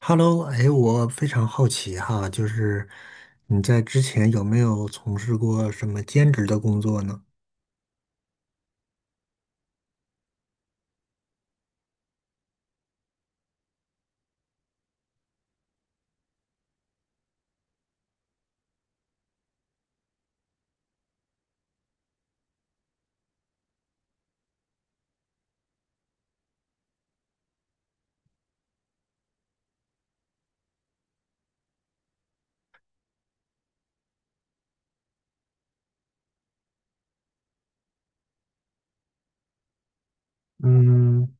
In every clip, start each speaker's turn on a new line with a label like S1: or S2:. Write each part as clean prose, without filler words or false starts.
S1: Hello,哎，我非常好奇哈，就是你在之前有没有从事过什么兼职的工作呢？嗯，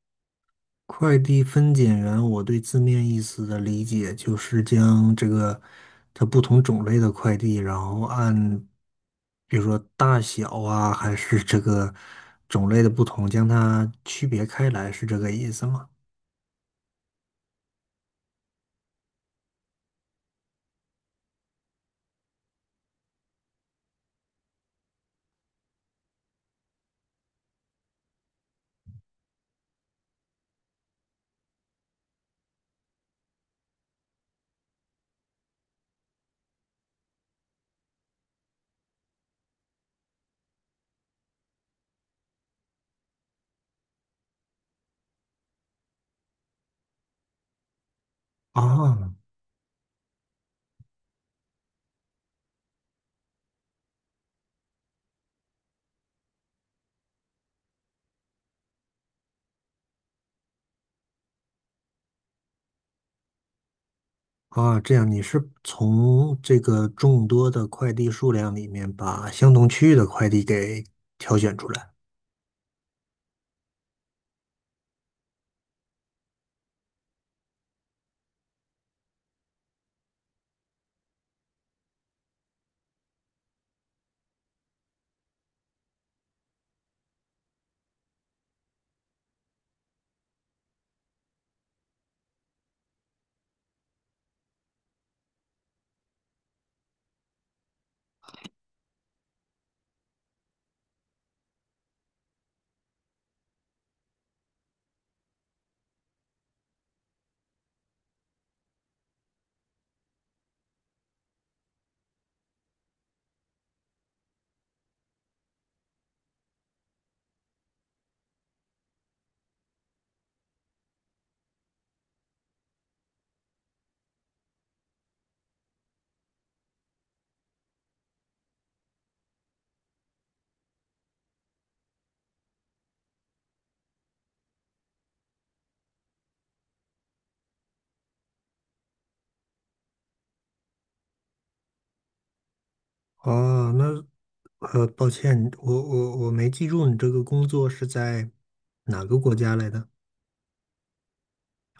S1: 快递分拣员，我对字面意思的理解就是将这个它不同种类的快递，然后按比如说大小啊，还是这个种类的不同，将它区别开来，是这个意思吗？啊，啊，这样你是从这个众多的快递数量里面把相同区域的快递给挑选出来。哦，那抱歉，我没记住你这个工作是在哪个国家来的。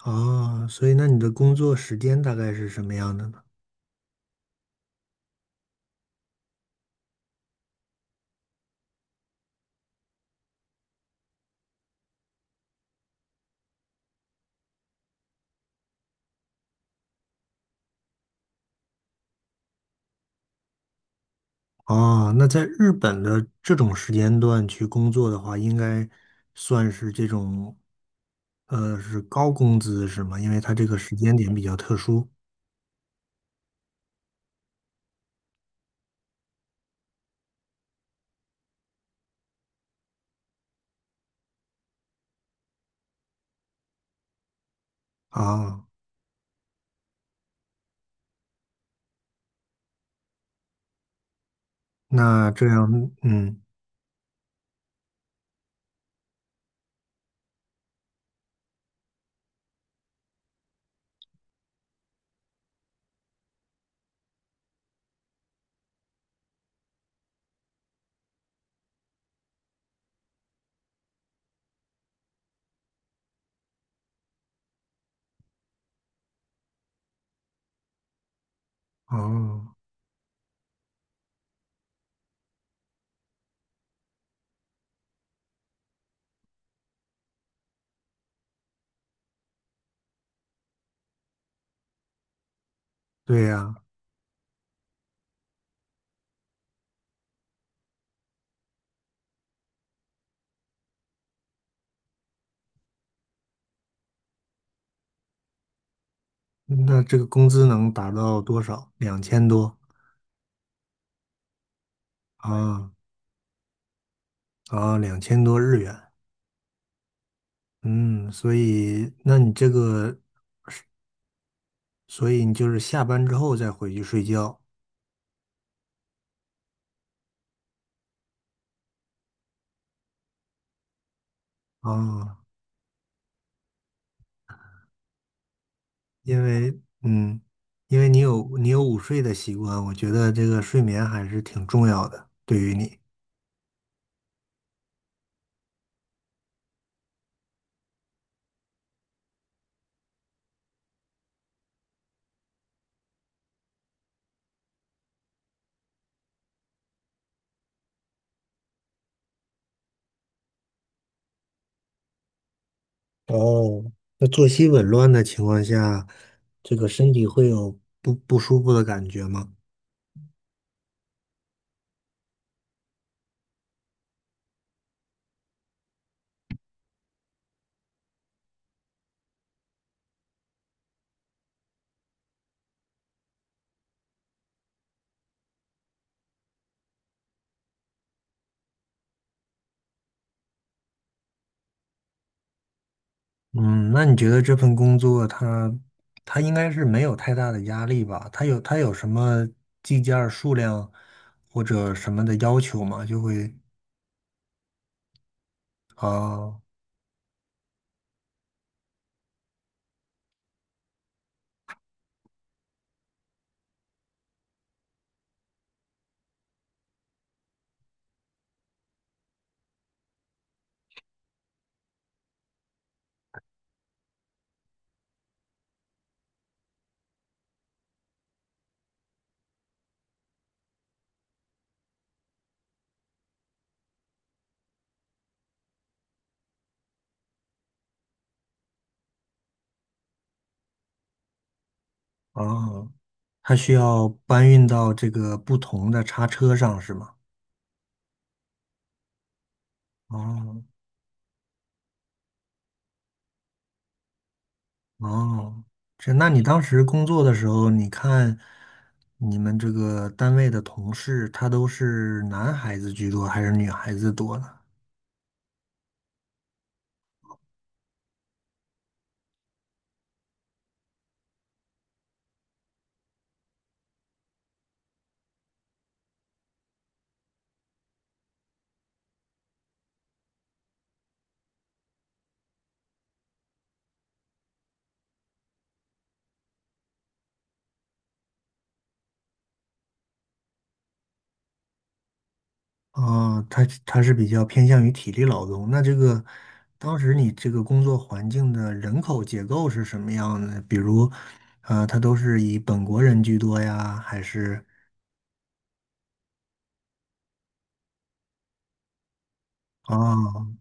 S1: 哦，所以那你的工作时间大概是什么样的呢？哦，那在日本的这种时间段去工作的话，应该算是这种是高工资是吗？因为它这个时间点比较特殊啊。那这样，嗯，哦，对呀，那这个工资能达到多少？两千多啊啊，两千多日元。嗯，所以，那你这个，所以你就是下班之后再回去睡觉啊，因为，嗯，因为你有午睡的习惯，我觉得这个睡眠还是挺重要的，对于你。哦，那作息紊乱的情况下，这个身体会有不不舒服的感觉吗？嗯，那你觉得这份工作它应该是没有太大的压力吧？它有什么计件儿数量或者什么的要求吗？就会啊啊，它需要搬运到这个不同的叉车上是吗？哦哦，这那你当时工作的时候，你看你们这个单位的同事，他都是男孩子居多还是女孩子多呢？啊，他是比较偏向于体力劳动。那这个当时你这个工作环境的人口结构是什么样的？比如，呃，他都是以本国人居多呀，还是啊？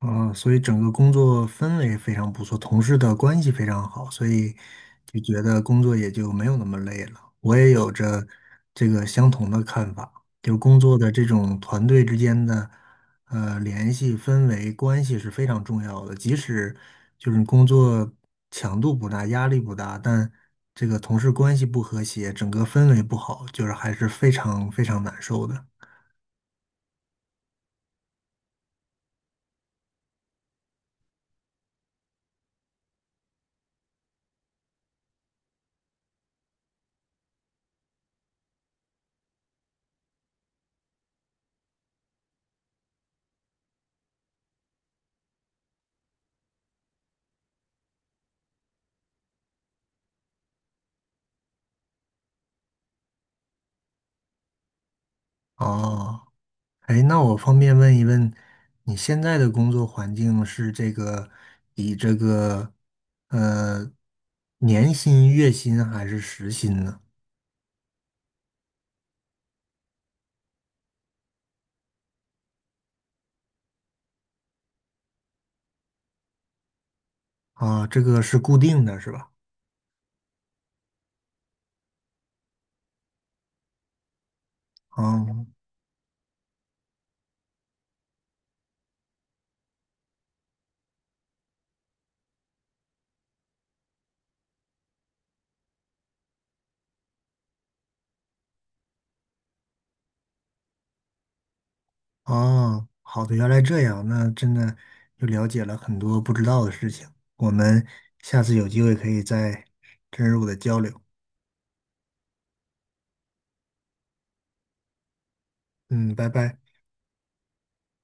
S1: 嗯，所以整个工作氛围非常不错，同事的关系非常好，所以就觉得工作也就没有那么累了。我也有着这个相同的看法，就工作的这种团队之间的联系、氛围、关系是非常重要的。即使就是工作强度不大、压力不大，但这个同事关系不和谐，整个氛围不好，就是还是非常非常难受的。哦。哎，那我方便问一问，你现在的工作环境是这个以这个呃年薪、月薪还是时薪呢？啊，这个是固定的，是吧？啊啊，好的，原来这样，那真的又了解了很多不知道的事情。我们下次有机会可以再深入的交流。嗯，拜拜。